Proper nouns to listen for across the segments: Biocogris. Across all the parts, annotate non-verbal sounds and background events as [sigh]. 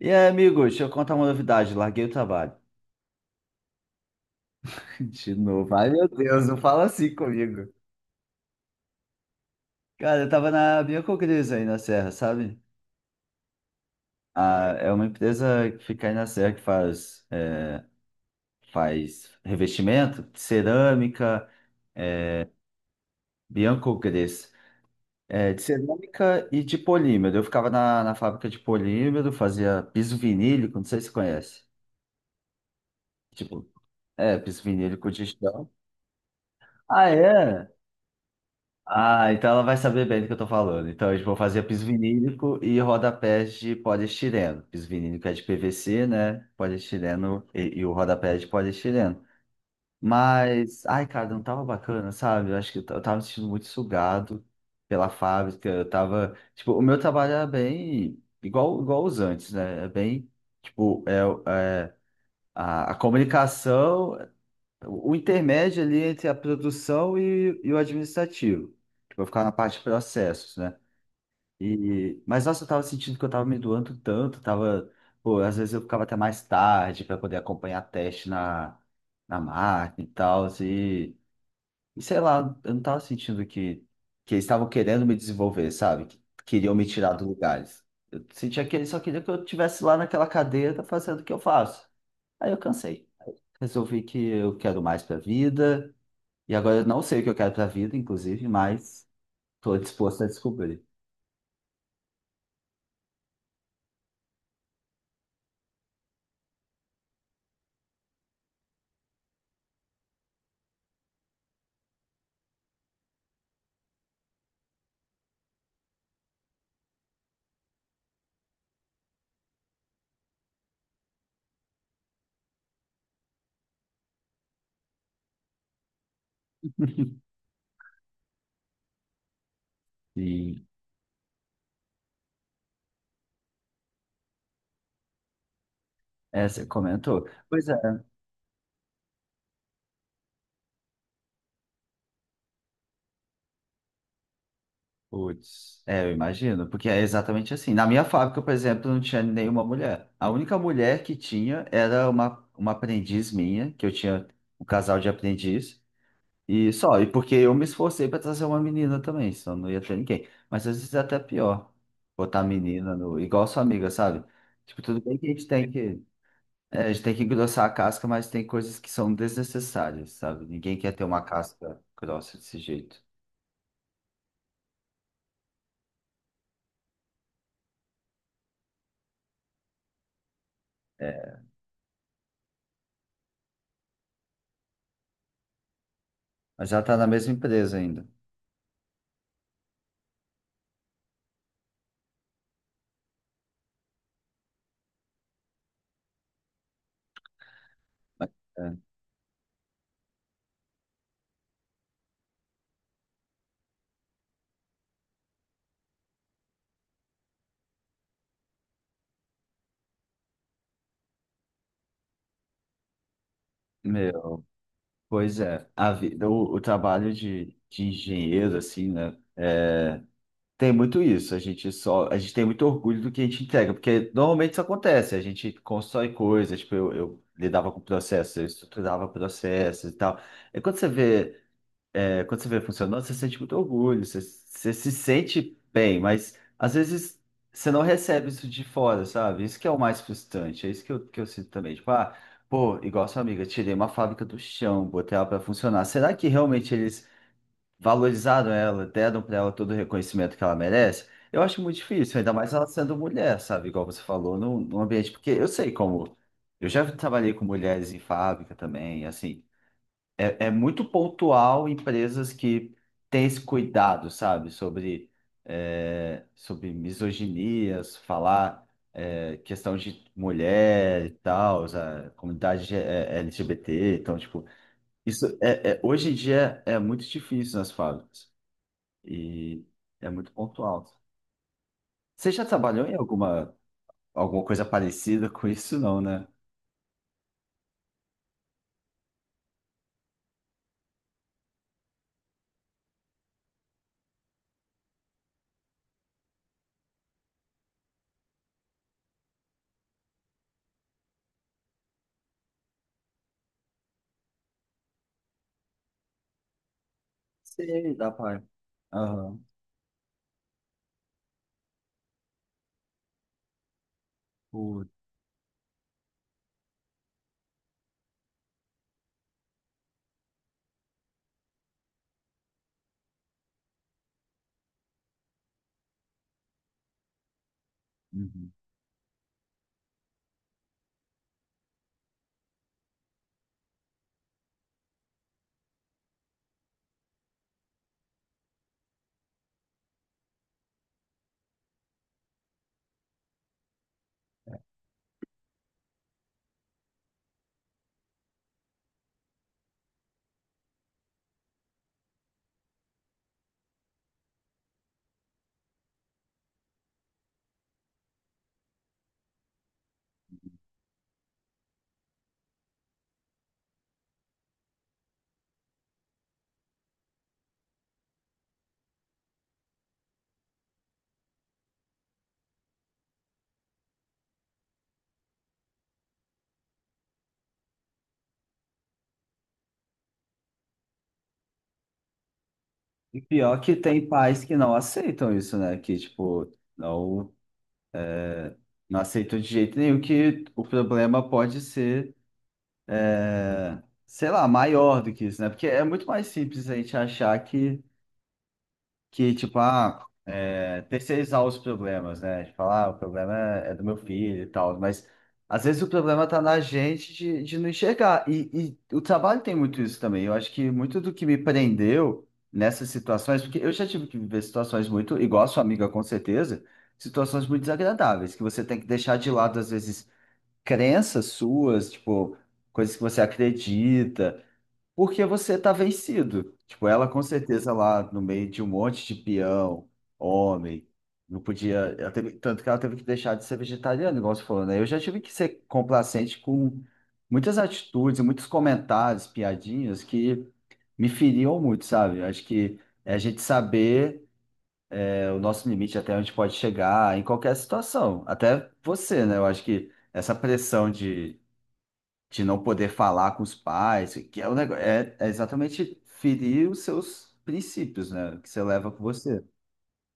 E aí, amigo, deixa eu contar uma novidade. Larguei o trabalho. [laughs] De novo. Ai, meu Deus, não fala assim comigo. Cara, eu tava na Biocogris aí na Serra, sabe? Ah, é uma empresa que fica aí na Serra que faz, faz revestimento de cerâmica, Biocogris. É, de cerâmica e de polímero. Eu ficava na fábrica de polímero, fazia piso vinílico, não sei se você conhece. Tipo, é, piso vinílico de chão. Ah, é? Ah, então ela vai saber bem do que eu tô falando. Então, a gente vai fazer piso vinílico e rodapés de poliestireno. Piso vinílico é de PVC, né? Poliestireno e o rodapé é de poliestireno. Mas, ai, cara, não tava bacana, sabe? Eu acho que eu tava me sentindo muito sugado pela fábrica. Eu tava, tipo, o meu trabalho era bem igual, igual os antes, né? É bem, tipo, a comunicação. O intermédio ali entre a produção e o administrativo, que vai ficar na parte de processos, né? E, mas nossa, eu tava sentindo que eu tava me doando tanto, tava, pô, às vezes eu ficava até mais tarde para poder acompanhar teste na máquina e tal, e sei lá, eu não tava sentindo que eles estavam querendo me desenvolver, sabe? Que queriam me tirar do lugares. Eu sentia que eles só queriam que eu estivesse lá naquela cadeira fazendo o que eu faço. Aí eu cansei. Resolvi que eu quero mais pra vida. E agora eu não sei o que eu quero pra vida, inclusive, mas tô disposto a descobrir. [laughs] e você comentou. Pois é. Putz, é, eu imagino, porque é exatamente assim. Na minha fábrica, por exemplo, não tinha nenhuma mulher. A única mulher que tinha era uma aprendiz minha, que eu tinha um casal de aprendiz, e só. E porque eu me esforcei para trazer uma menina também, senão não ia ter ninguém. Mas às vezes é até pior botar menina no, igual sua amiga, sabe? Tipo, tudo bem que a gente tem que. É, a gente tem que engrossar a casca, mas tem coisas que são desnecessárias, sabe? Ninguém quer ter uma casca grossa desse jeito. É, mas ela tá na mesma empresa ainda. É. Meu, pois é. A vida, o trabalho de engenheiro, assim, né? É, tem muito isso. A gente só, a gente tem muito orgulho do que a gente entrega, porque normalmente isso acontece. A gente constrói coisas, tipo, eu lidava com processos, eu estruturava processos e tal. E quando você vê É, quando você vê funcionando, você sente muito orgulho, você, você se sente bem, mas às vezes você não recebe isso de fora, sabe? Isso que é o mais frustrante, é isso que eu sinto também. Tipo, ah, pô, igual sua amiga, tirei uma fábrica do chão, botei ela pra funcionar. Será que realmente eles valorizaram ela, deram pra ela todo o reconhecimento que ela merece? Eu acho muito difícil, ainda mais ela sendo mulher, sabe? Igual você falou, num ambiente, porque eu sei como. Eu já trabalhei com mulheres em fábrica também, assim. É, é muito pontual empresas que têm esse cuidado, sabe? Sobre, é, sobre misoginias, falar é, questão de mulher e tal, a comunidade é, LGBT. Então, tipo, isso hoje em dia é muito difícil nas fábricas e é muito pontual. Você já trabalhou em alguma, alguma coisa parecida com isso, não, né? Sei, dá para. Aham. Putz. E pior que tem pais que não aceitam isso, né? Que, tipo, não, não aceitam de jeito nenhum que o problema pode ser, é, sei lá, maior do que isso, né? Porque é muito mais simples a gente achar tipo, ah, é, terceirizar os problemas, né? De falar, ah, o problema é do meu filho e tal, mas às vezes o problema tá na gente de não enxergar. E o trabalho tem muito isso também. Eu acho que muito do que me prendeu nessas situações, porque eu já tive que viver situações muito, igual a sua amiga, com certeza, situações muito desagradáveis, que você tem que deixar de lado, às vezes, crenças suas, tipo, coisas que você acredita. Porque você tá vencido. Tipo, ela com certeza lá no meio de um monte de peão, homem, não podia. Ela teve- tanto que ela teve que deixar de ser vegetariana, igual você falou, né? Eu já tive que ser complacente com muitas atitudes, muitos comentários, piadinhas que me feriam muito, sabe? Eu acho que é a gente saber é, o nosso limite até onde pode chegar em qualquer situação. Até você, né? Eu acho que essa pressão de não poder falar com os pais, que é o negócio, é exatamente ferir os seus princípios, né, que você leva com você.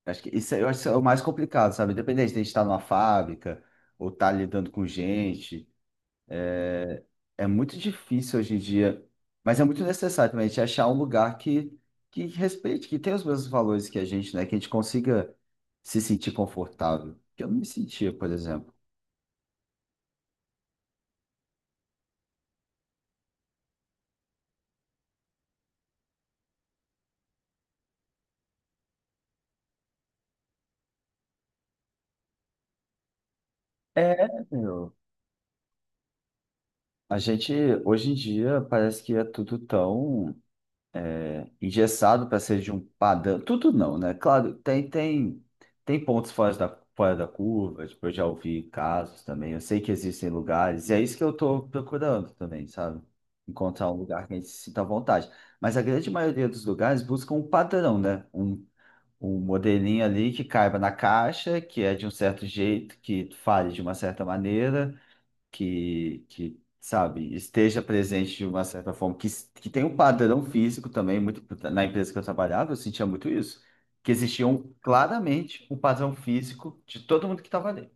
Acho que eu acho que isso é o mais complicado, sabe? Independente de a gente estar numa fábrica ou estar lidando com gente, é é muito difícil hoje em dia, mas é muito necessário também a gente achar um lugar que respeite, que tenha os mesmos valores que a gente, né, que a gente consiga se sentir confortável, que eu não me sentia, por exemplo. É, meu, a gente hoje em dia parece que é tudo tão engessado para ser de um padrão. Tudo não, né? Claro, tem pontos fora fora da curva, tipo, eu já ouvi casos também, eu sei que existem lugares, e é isso que eu estou procurando também, sabe? Encontrar um lugar que a gente se sinta à vontade. Mas a grande maioria dos lugares busca um padrão, né? Um modelinho ali que caiba na caixa, que é de um certo jeito, que fale de uma certa maneira que sabe, esteja presente de uma certa forma, que tem um padrão físico também, muito, na empresa que eu trabalhava, eu sentia muito isso, que existia um, claramente um padrão físico de todo mundo que estava ali.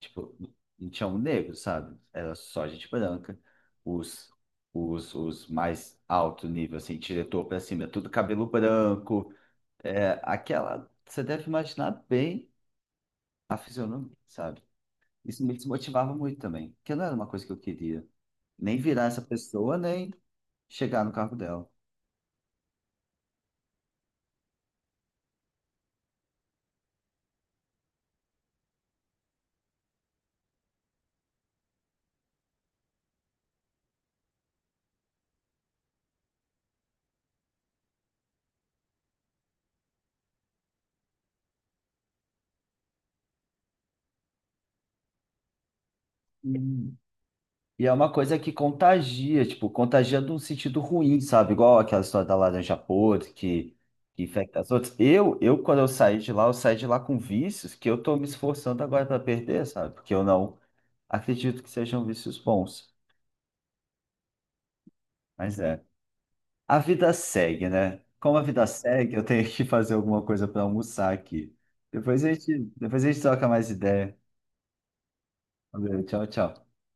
Tipo, não tinha um negro, sabe? Era só gente branca, os, os mais alto nível, assim, diretor pra cima, tudo cabelo branco, é, aquela, você deve imaginar bem a fisionomia, sabe? Isso me desmotivava muito também, porque não era uma coisa que eu queria nem virar essa pessoa, nem chegar no cargo dela. Hum. E é uma coisa que contagia, tipo, contagia num sentido ruim, sabe? Igual aquela história da laranja podre que infecta as outras. Quando eu saí de lá, eu saí de lá com vícios que eu tô me esforçando agora para perder, sabe? Porque eu não acredito que sejam vícios bons. Mas é. A vida segue, né? Como a vida segue, eu tenho que fazer alguma coisa para almoçar aqui. Depois a gente troca mais ideia. Valeu, tchau, tchau.